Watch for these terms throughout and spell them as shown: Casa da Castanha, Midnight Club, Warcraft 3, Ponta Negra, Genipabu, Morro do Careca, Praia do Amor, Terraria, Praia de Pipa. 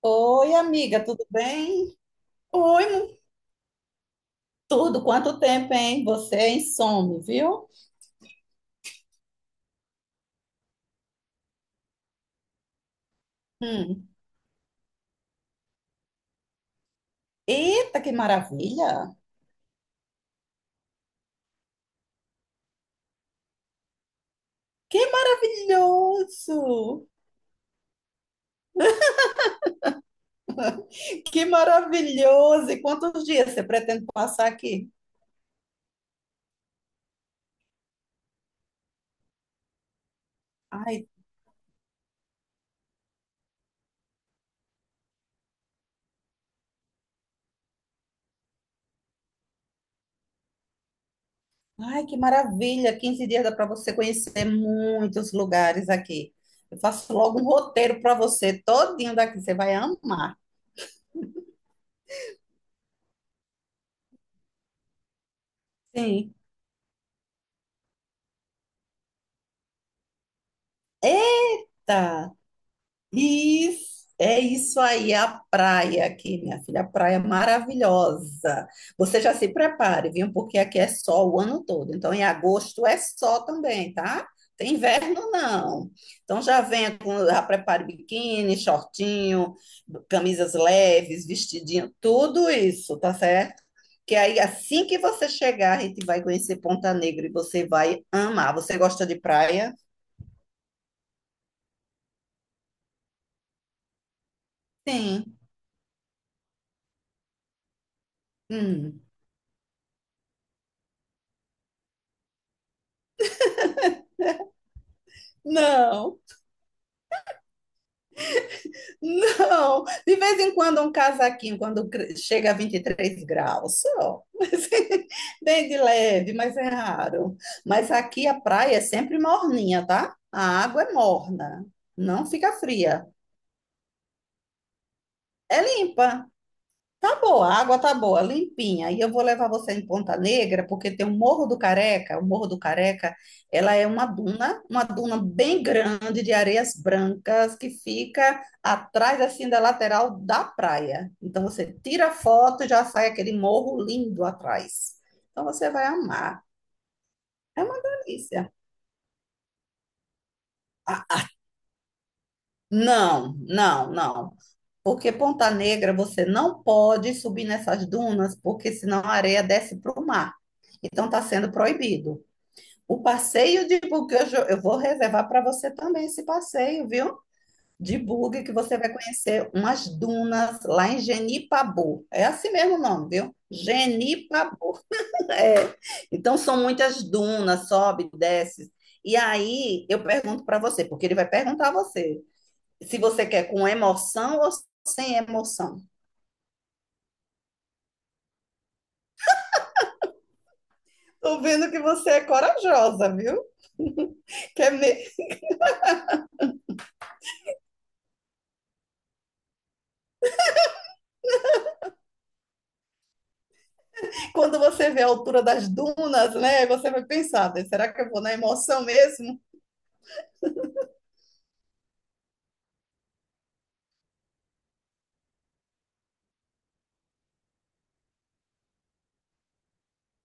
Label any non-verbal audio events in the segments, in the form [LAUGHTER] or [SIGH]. Oi, amiga, tudo bem? Oi, tudo. Quanto tempo, hein? Você é insome, viu? Hum. Eita, que maravilha! Que maravilhoso! Que maravilhoso! E quantos dias você pretende passar aqui? Ai, ai, que maravilha! Quinze dias dá para você conhecer muitos lugares aqui. Eu faço logo um roteiro para você, todinho daqui, você vai amar. Sim. Eita! Isso, é isso aí, a praia aqui, minha filha, a praia é maravilhosa. Você já se prepare, viu? Porque aqui é sol o ano todo. Então, em agosto é sol também, tá? Tem inverno, não. Então, já venha com, já prepare biquíni, shortinho, camisas leves, vestidinho, tudo isso, tá certo? Que aí, assim que você chegar, a gente vai conhecer Ponta Negra e você vai amar. Você gosta de praia? Sim. Hum. Não. Não, de vez em quando um casaquinho, chega a 23 graus, só. Mas, [LAUGHS] bem de leve, mas é raro. Mas aqui a praia é sempre morninha, tá? A água é morna, não fica fria. É limpa, tá boa, a água tá boa, limpinha. E eu vou levar você em Ponta Negra, porque tem o Morro do Careca. O Morro do Careca, ela é uma duna bem grande de areias brancas que fica atrás assim da lateral da praia. Então você tira a foto e já sai aquele morro lindo atrás. Então você vai amar. É uma delícia. Ah, não, não, não. Porque Ponta Negra você não pode subir nessas dunas, porque senão a areia desce para o mar. Então está sendo proibido. O passeio de buggy eu vou reservar para você também esse passeio, viu? De buggy que você vai conhecer umas dunas lá em Genipabu. É assim mesmo o nome, viu? Genipabu. [LAUGHS] É. Então são muitas dunas, sobe, desce. E aí eu pergunto para você, porque ele vai perguntar a você se você quer com emoção ou sem emoção. Tô vendo que você é corajosa, viu? Quer me- Quando você vê a altura das dunas, né? Você vai pensar, né, será que eu vou na emoção mesmo?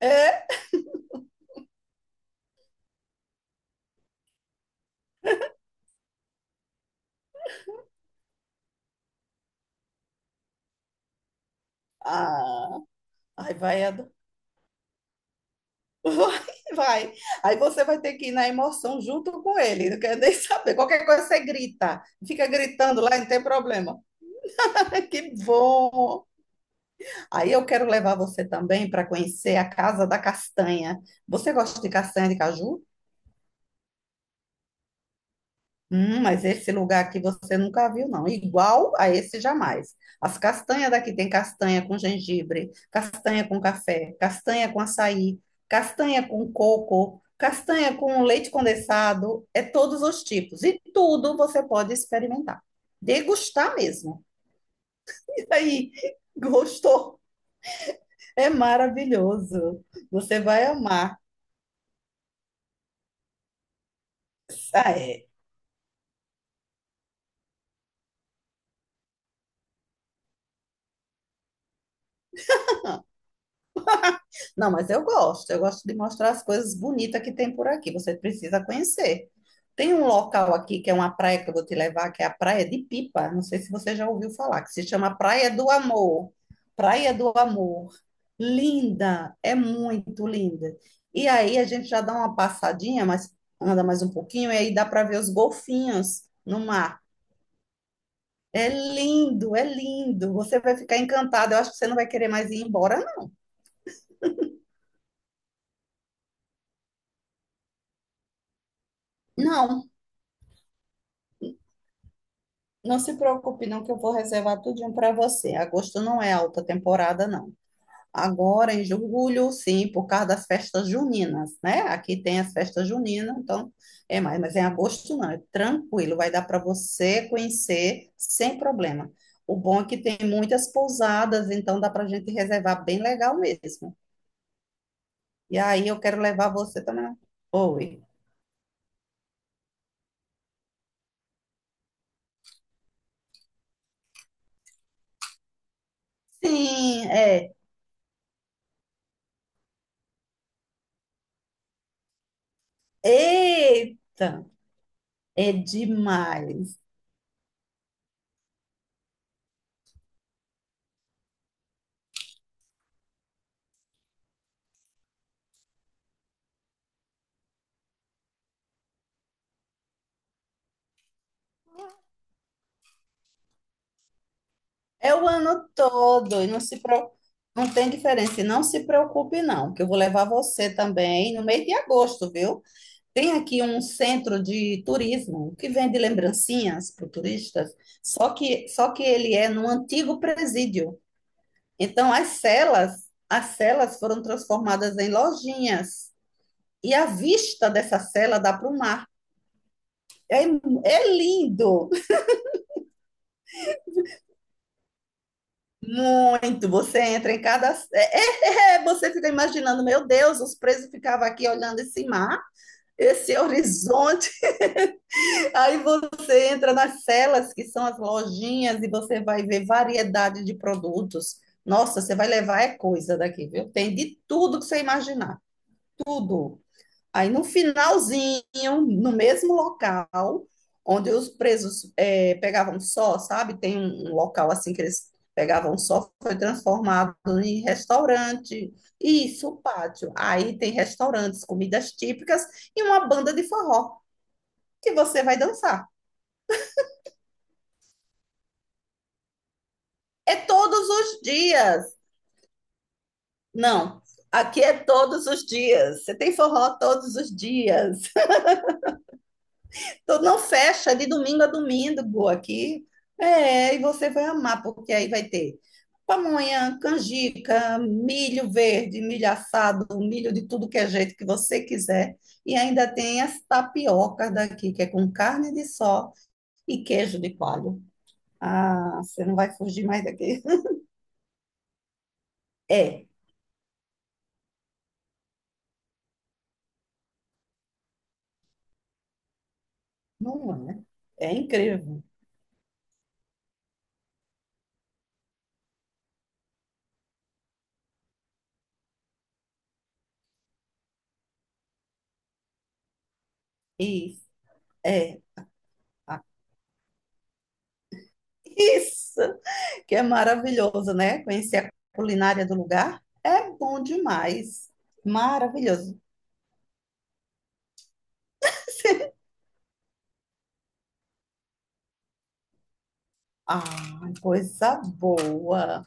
É? Ah, aí vai a dor. [LAUGHS] Vai, vai. Aí você vai ter que ir na emoção junto com ele. Não quer nem saber. Qualquer coisa você grita. Fica gritando lá, não tem problema. [LAUGHS] Que bom! Aí eu quero levar você também para conhecer a Casa da Castanha. Você gosta de castanha de caju? Mas esse lugar aqui você nunca viu, não. Igual a esse jamais. As castanhas daqui tem castanha com gengibre, castanha com café, castanha com açaí, castanha com coco, castanha com leite condensado, é todos os tipos. E tudo você pode experimentar. Degustar mesmo. [LAUGHS] E aí, gostou? É maravilhoso. Você vai amar. Ah, é. Não, mas eu gosto. Eu gosto de mostrar as coisas bonitas que tem por aqui. Você precisa conhecer. Tem um local aqui que é uma praia que eu vou te levar, que é a Praia de Pipa. Não sei se você já ouviu falar, que se chama Praia do Amor. Praia do Amor. Linda, é muito linda. E aí a gente já dá uma passadinha, mas anda mais um pouquinho, e aí dá para ver os golfinhos no mar. É lindo, é lindo. Você vai ficar encantado. Eu acho que você não vai querer mais ir embora, não. Não se preocupe, não, que eu vou reservar tudinho para você. Agosto não é alta temporada, não. Agora, em julho, sim, por causa das festas juninas, né? Aqui tem as festas juninas, então é mais. Mas em agosto, não, é tranquilo, vai dar para você conhecer sem problema. O bom é que tem muitas pousadas, então dá para a gente reservar bem legal mesmo. E aí eu quero levar você também. Oi. Sim, é. Eita, é demais. É o ano todo, e não se pro... não tem diferença. E não se preocupe, não, que eu vou levar você também no mês de agosto, viu? Tem aqui um centro de turismo que vende lembrancinhas para turistas, só que ele é num antigo presídio. Então, as celas foram transformadas em lojinhas, e a vista dessa cela dá para o mar. É, é lindo! Muito, você entra em cada. É, é, você fica imaginando, meu Deus, os presos ficavam aqui olhando esse mar, esse horizonte. [LAUGHS] Aí você entra nas celas, que são as lojinhas, e você vai ver variedade de produtos. Nossa, você vai levar é coisa daqui, viu? Tem de tudo que você imaginar, tudo. Aí no finalzinho, no mesmo local, onde os presos pegavam só, sabe? Tem um local assim que eles pegavam só, foi transformado em restaurante. Isso, o pátio. Aí tem restaurantes, comidas típicas e uma banda de forró que você vai dançar. É todos os dias. Não, aqui é todos os dias. Você tem forró todos os dias. Então, não fecha de domingo a domingo aqui. É, e você vai amar, porque aí vai ter pamonha, canjica, milho verde, milho assado, milho de tudo que é jeito que você quiser. E ainda tem as tapiocas daqui, que é com carne de sol e queijo de coalho. Ah, você não vai fugir mais daqui. [LAUGHS] É, não é? Né? É incrível. Isso, é. Ah, isso! Que é maravilhoso, né? Conhecer a culinária do lugar é bom demais. Maravilhoso. Ah, coisa boa.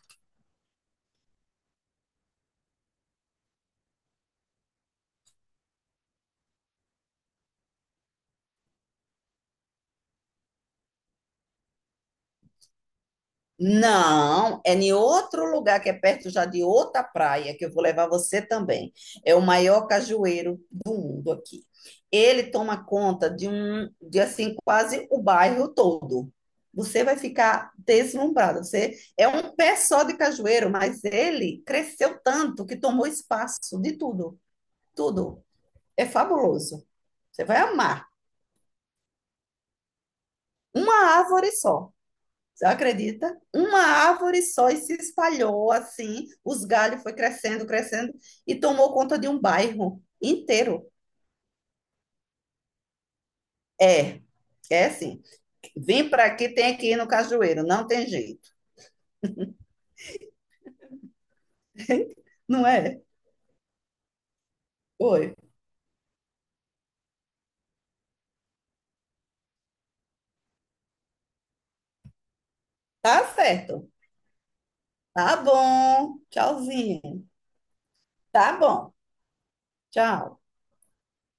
Não, é em outro lugar que é perto já de outra praia, que eu vou levar você também. É o maior cajueiro do mundo aqui. Ele toma conta de assim, quase o bairro todo. Você vai ficar deslumbrado. Você é um pé só de cajueiro, mas ele cresceu tanto que tomou espaço de tudo. Tudo. É fabuloso. Você vai amar. Uma árvore só. Você acredita? Uma árvore só e se espalhou assim. Os galhos foi crescendo, crescendo e tomou conta de um bairro inteiro. É, é assim. Vim para aqui, tem que ir no cajueiro. Não tem jeito. Não é? Oi. Tá certo. Tá bom. Tchauzinho. Tá bom. Tchau.